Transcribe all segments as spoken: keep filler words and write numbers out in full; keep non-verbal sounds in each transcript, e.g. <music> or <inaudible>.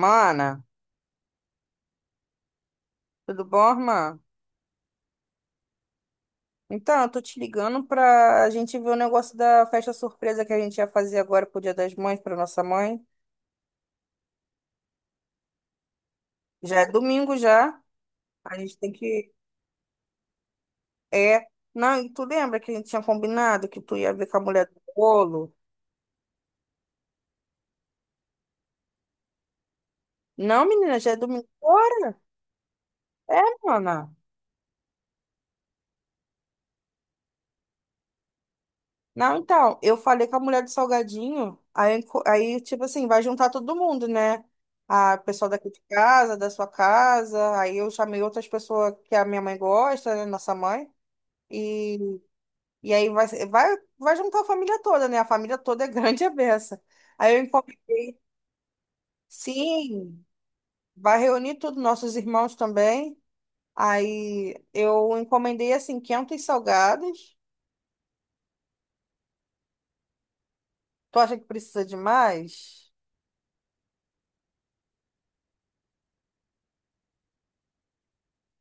Mana, tudo bom, irmã? Então, eu tô te ligando pra gente ver o negócio da festa surpresa que a gente ia fazer agora pro Dia das Mães, pra nossa mãe. Já é domingo já. A gente tem que. É. Não, e tu lembra que a gente tinha combinado que tu ia ver com a mulher do bolo? Não, menina, já é domingo agora. É, mana. Não, então, eu falei com a mulher do salgadinho, aí, enco- aí tipo assim, vai juntar todo mundo, né? A pessoa daqui de casa, da sua casa, aí eu chamei outras pessoas que a minha mãe gosta, né? Nossa mãe. E, e aí vai, ser- vai, vai juntar a família toda, né? A família toda é <laughs> grande e é beça. Aí eu encomendei, sim, vai reunir tudo, nossos irmãos também. Aí eu encomendei, assim, quinhentos salgados. Tu acha que precisa de mais?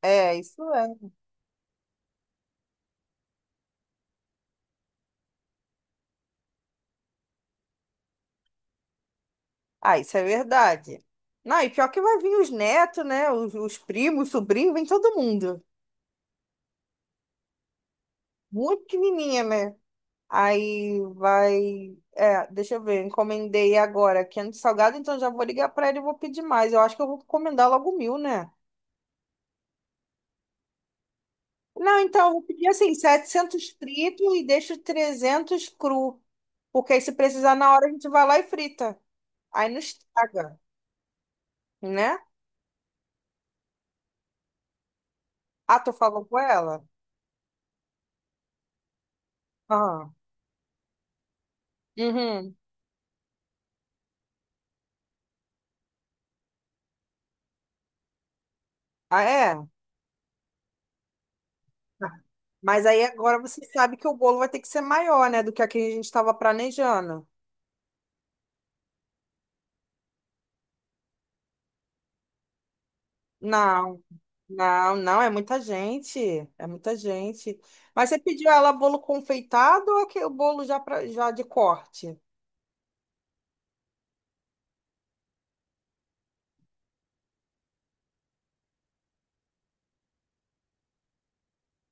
É, isso é, né? Ah, isso é verdade. Não, e pior que vai vir os netos, né? Os, os primos, sobrinhos, vem todo mundo. Muito pequenininha, né? Aí vai. É, deixa eu ver, eu encomendei agora quente salgado, então já vou ligar pra ele e vou pedir mais. Eu acho que eu vou encomendar logo mil, né? Não, então eu vou pedir assim, setecentos frito e deixo trezentos cru. Porque aí se precisar na hora a gente vai lá e frita. Aí não estraga, né? Ah, tu falou com ela? Aham. Uhum. Ah, é? Mas aí agora você sabe que o bolo vai ter que ser maior, né, do que a que a gente estava planejando. Não, não, não, é muita gente, é muita gente. Mas você pediu ela bolo confeitado ou aquele bolo já, pra, já de corte?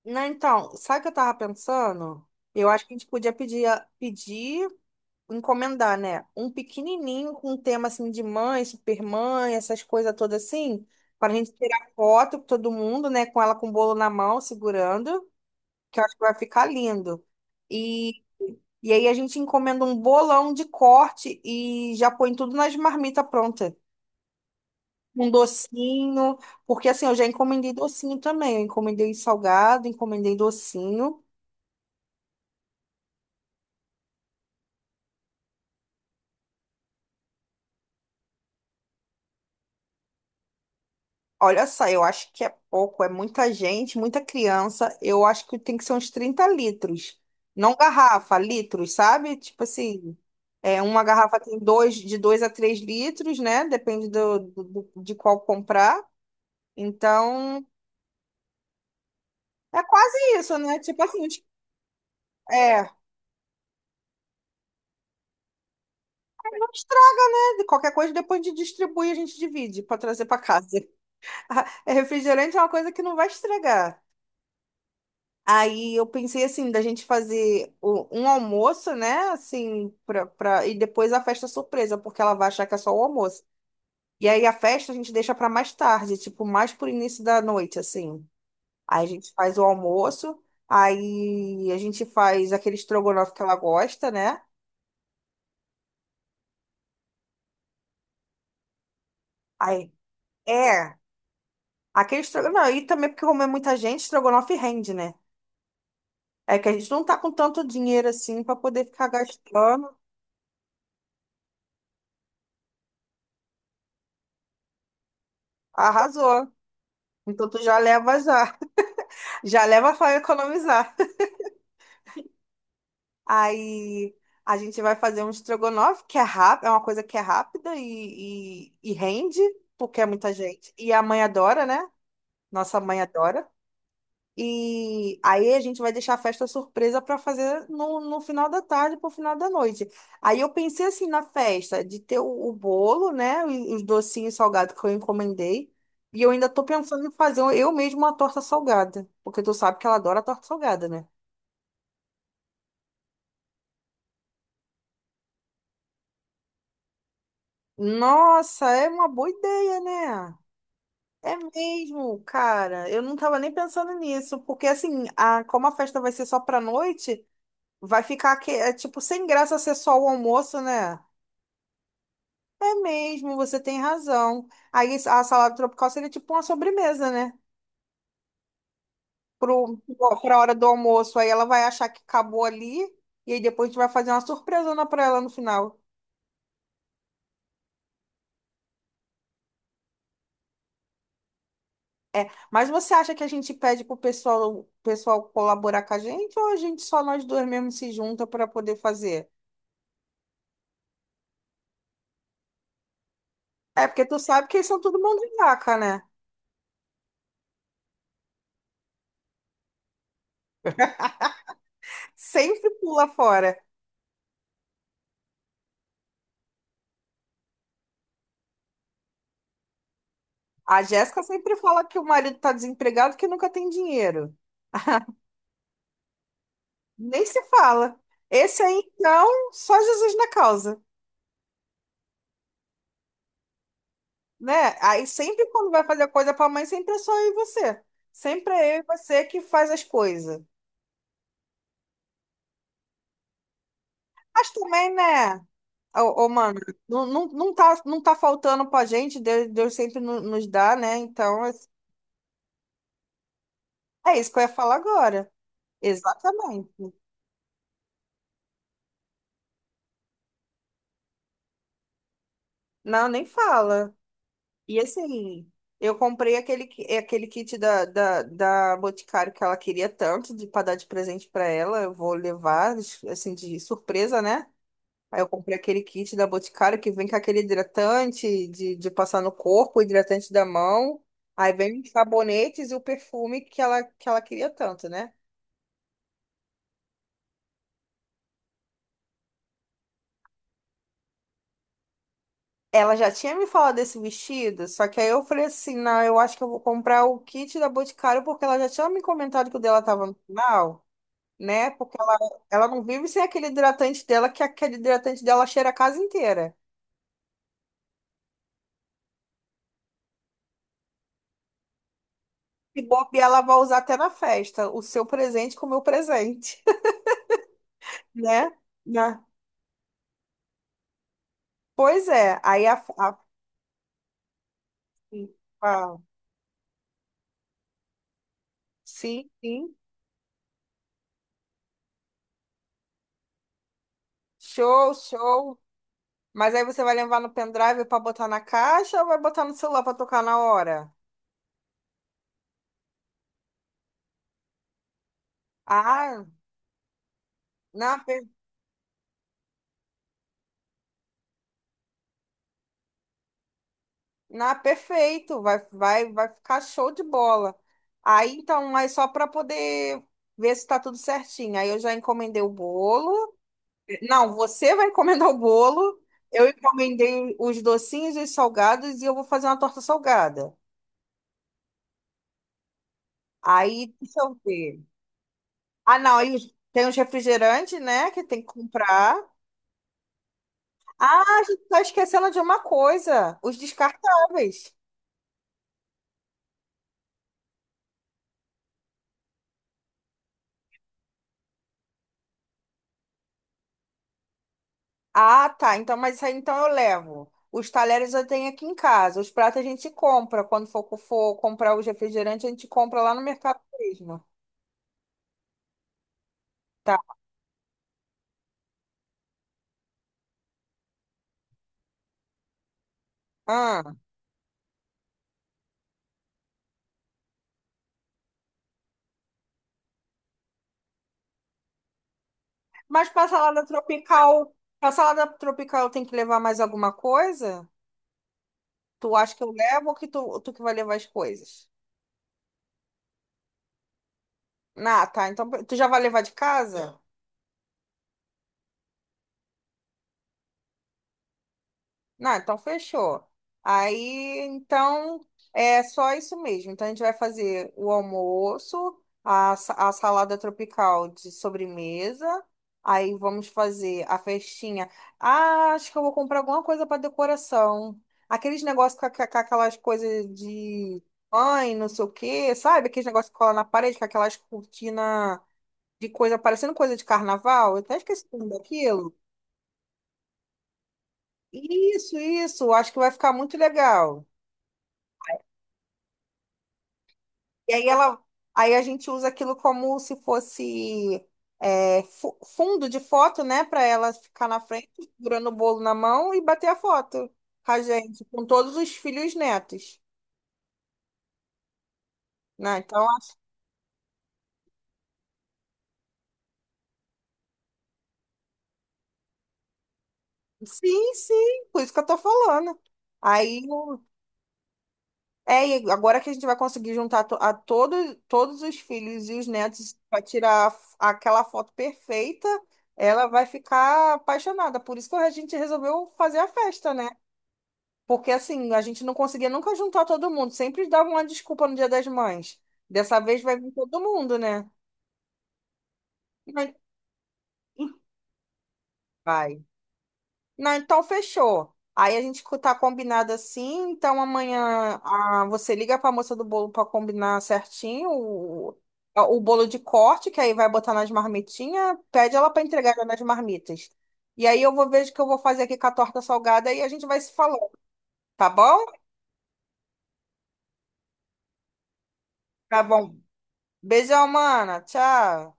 Não, então, sabe o que eu tava pensando? Eu acho que a gente podia pedir, a- pedir, encomendar, né? Um pequenininho com um tema assim de mãe, supermãe, essas coisas todas assim, para a gente tirar foto com todo mundo, né? Com ela com o bolo na mão, segurando, que eu acho que vai ficar lindo. E, e aí a gente encomenda um bolão de corte e já põe tudo nas marmitas pronta. Um docinho, porque assim, eu já encomendei docinho também. Eu encomendei salgado, encomendei docinho. Olha só, eu acho que é pouco, é muita gente, muita criança. Eu acho que tem que ser uns trinta litros. Não garrafa, litros, sabe? Tipo assim, é, uma garrafa tem dois, de dois a três litros, né? Depende do, do- do- de qual comprar. Então, é quase isso, né? Tipo assim, os- é, não estraga. Qualquer coisa depois de distribuir, a gente divide para trazer para casa. <laughs> É, refrigerante é uma coisa que não vai estragar. Aí eu pensei assim, da gente fazer o- um almoço, né? Assim, pra, pra, e depois a festa surpresa, porque ela vai achar que é só o almoço. E aí a festa a gente deixa para mais tarde, tipo, mais pro início da noite, assim. Aí a gente faz o almoço, aí a gente faz aquele estrogonofe que ela gosta, né? Aí. É, aquele estrogonofe. E também porque como é muita gente, estrogonofe rende, né? É que a gente não tá com tanto dinheiro assim pra poder ficar gastando. Arrasou. Então tu já leva já. <laughs> Já leva pra economizar. Aí a gente vai fazer um estrogonofe que é rápido, é uma coisa que é rápida e, e, e rende, porque é muita gente. E a mãe adora, né? Nossa mãe adora. E aí a gente vai deixar a festa surpresa para fazer no, no final da tarde para o final da noite. Aí eu pensei assim na festa de ter o, o bolo, né? E os docinhos salgados que eu encomendei. E eu ainda tô pensando em fazer um, eu mesma uma torta salgada. Porque tu sabe que ela adora torta salgada, né? Nossa, é uma boa ideia, né? É mesmo, cara. Eu não tava nem pensando nisso, porque assim, a, como a festa vai ser só pra noite, vai ficar que, é, tipo sem graça ser só o almoço, né? É mesmo, você tem razão. Aí a salada tropical seria tipo uma sobremesa, né? Pro, pra hora do almoço. Aí ela vai achar que acabou ali, e aí depois a gente vai fazer uma surpresona pra ela no final. É, mas você acha que a gente pede pro pessoal, pessoal colaborar com a gente ou a gente só nós dois mesmo se junta pra poder fazer? É, porque tu sabe que eles são todo mão de vaca, né? Sempre pula fora. A Jéssica sempre fala que o marido tá desempregado, que nunca tem dinheiro. <laughs> Nem se fala. Esse aí, então, só Jesus na causa, né? Aí sempre quando vai fazer coisa pra mãe, sempre é só eu e você. Sempre é eu e você que faz as coisas. Mas também, né? Ô, ô, mano, não, não, não tá, não tá faltando pra gente, Deus, Deus sempre no- nos dá, né? Então, é isso que eu ia falar agora. Exatamente. Não, nem fala. E assim, eu comprei aquele, ki- é aquele kit da, da, da Boticário que ela queria tanto, de, pra dar de presente pra ela. Eu vou levar, assim, de surpresa, né? Aí eu comprei aquele kit da Boticário que vem com aquele hidratante de, de passar no corpo, hidratante da mão. Aí vem os sabonetes e o perfume que ela, que ela queria tanto, né? Ela já tinha me falado desse vestido, só que aí eu falei assim, não, eu acho que eu vou comprar o kit da Boticário porque ela já tinha me comentado que o dela tava no final, né? Porque ela, ela não vive sem aquele hidratante dela, que aquele hidratante dela cheira a casa inteira. E bobear, ela vai usar até na festa, o seu presente com o meu presente, <laughs> né? Né? Pois é, aí a, a- a- sim, sim, show, show. Mas aí você vai levar no pendrive para botar na caixa ou vai botar no celular para tocar na hora? Ah, não, na, perfeito, vai, vai, vai ficar show de bola. Aí então é só para poder ver se está tudo certinho. Aí eu já encomendei o bolo. Não, você vai encomendar o bolo. Eu encomendei os docinhos e os salgados e eu vou fazer uma torta salgada. Aí deixa eu ver. Ah, não, aí os- tem os refrigerantes, né, que tem que comprar. Ah, a gente tá esquecendo de uma coisa, os descartáveis. Ah, tá. Então, mas isso aí então eu levo. Os talheres eu tenho aqui em casa. Os pratos a gente compra. Quando for, for comprar os refrigerantes, a gente compra lá no mercado mesmo. Tá. Ah. Mas pra salada tropical, pra salada tropical eu tenho que levar mais alguma coisa? Tu acha que eu levo ou que tu, tu que vai levar as coisas? Ah, tá. Então tu já vai levar de casa? Não, então fechou. Aí, então, é só isso mesmo. Então, a gente vai fazer o almoço, a, sa- a salada tropical de sobremesa. Aí, vamos fazer a festinha. Ah, acho que eu vou comprar alguma coisa para decoração. Aqueles negócios com, a- com aquelas coisas de mãe, não sei o quê, sabe? Aqueles negócios que cola na parede, com aquelas cortinas de coisa, parecendo coisa de carnaval. Eu até esqueci o nome daquilo. Isso, isso. Acho que vai ficar muito legal. E aí ela, aí a gente usa aquilo como se fosse é, fu- fundo de foto, né? Para ela ficar na frente, segurando o bolo na mão e bater a foto com a gente, com todos os filhos e netos, né? Então, a- sim, sim, por isso que eu tô falando. Aí, é, e agora que a gente vai conseguir juntar to- a todos, todos os filhos e os netos para tirar a f- aquela foto perfeita, ela vai ficar apaixonada. Por isso que a gente resolveu fazer a festa, né? Porque assim, a gente não conseguia nunca juntar todo mundo. Sempre dava uma desculpa no Dia das Mães. Dessa vez vai vir todo mundo, né? Mas- Vai. Não, então fechou. Aí a gente co- tá combinado assim, então amanhã, ah, você liga pra moça do bolo pra combinar certinho o, a- o bolo de corte, que aí vai botar nas marmitinhas, pede ela pra entregar já nas marmitas. E aí eu vou ver o que eu vou fazer aqui com a torta salgada e a gente vai se falando, tá bom? Tá bom. Beijão, mana. Tchau.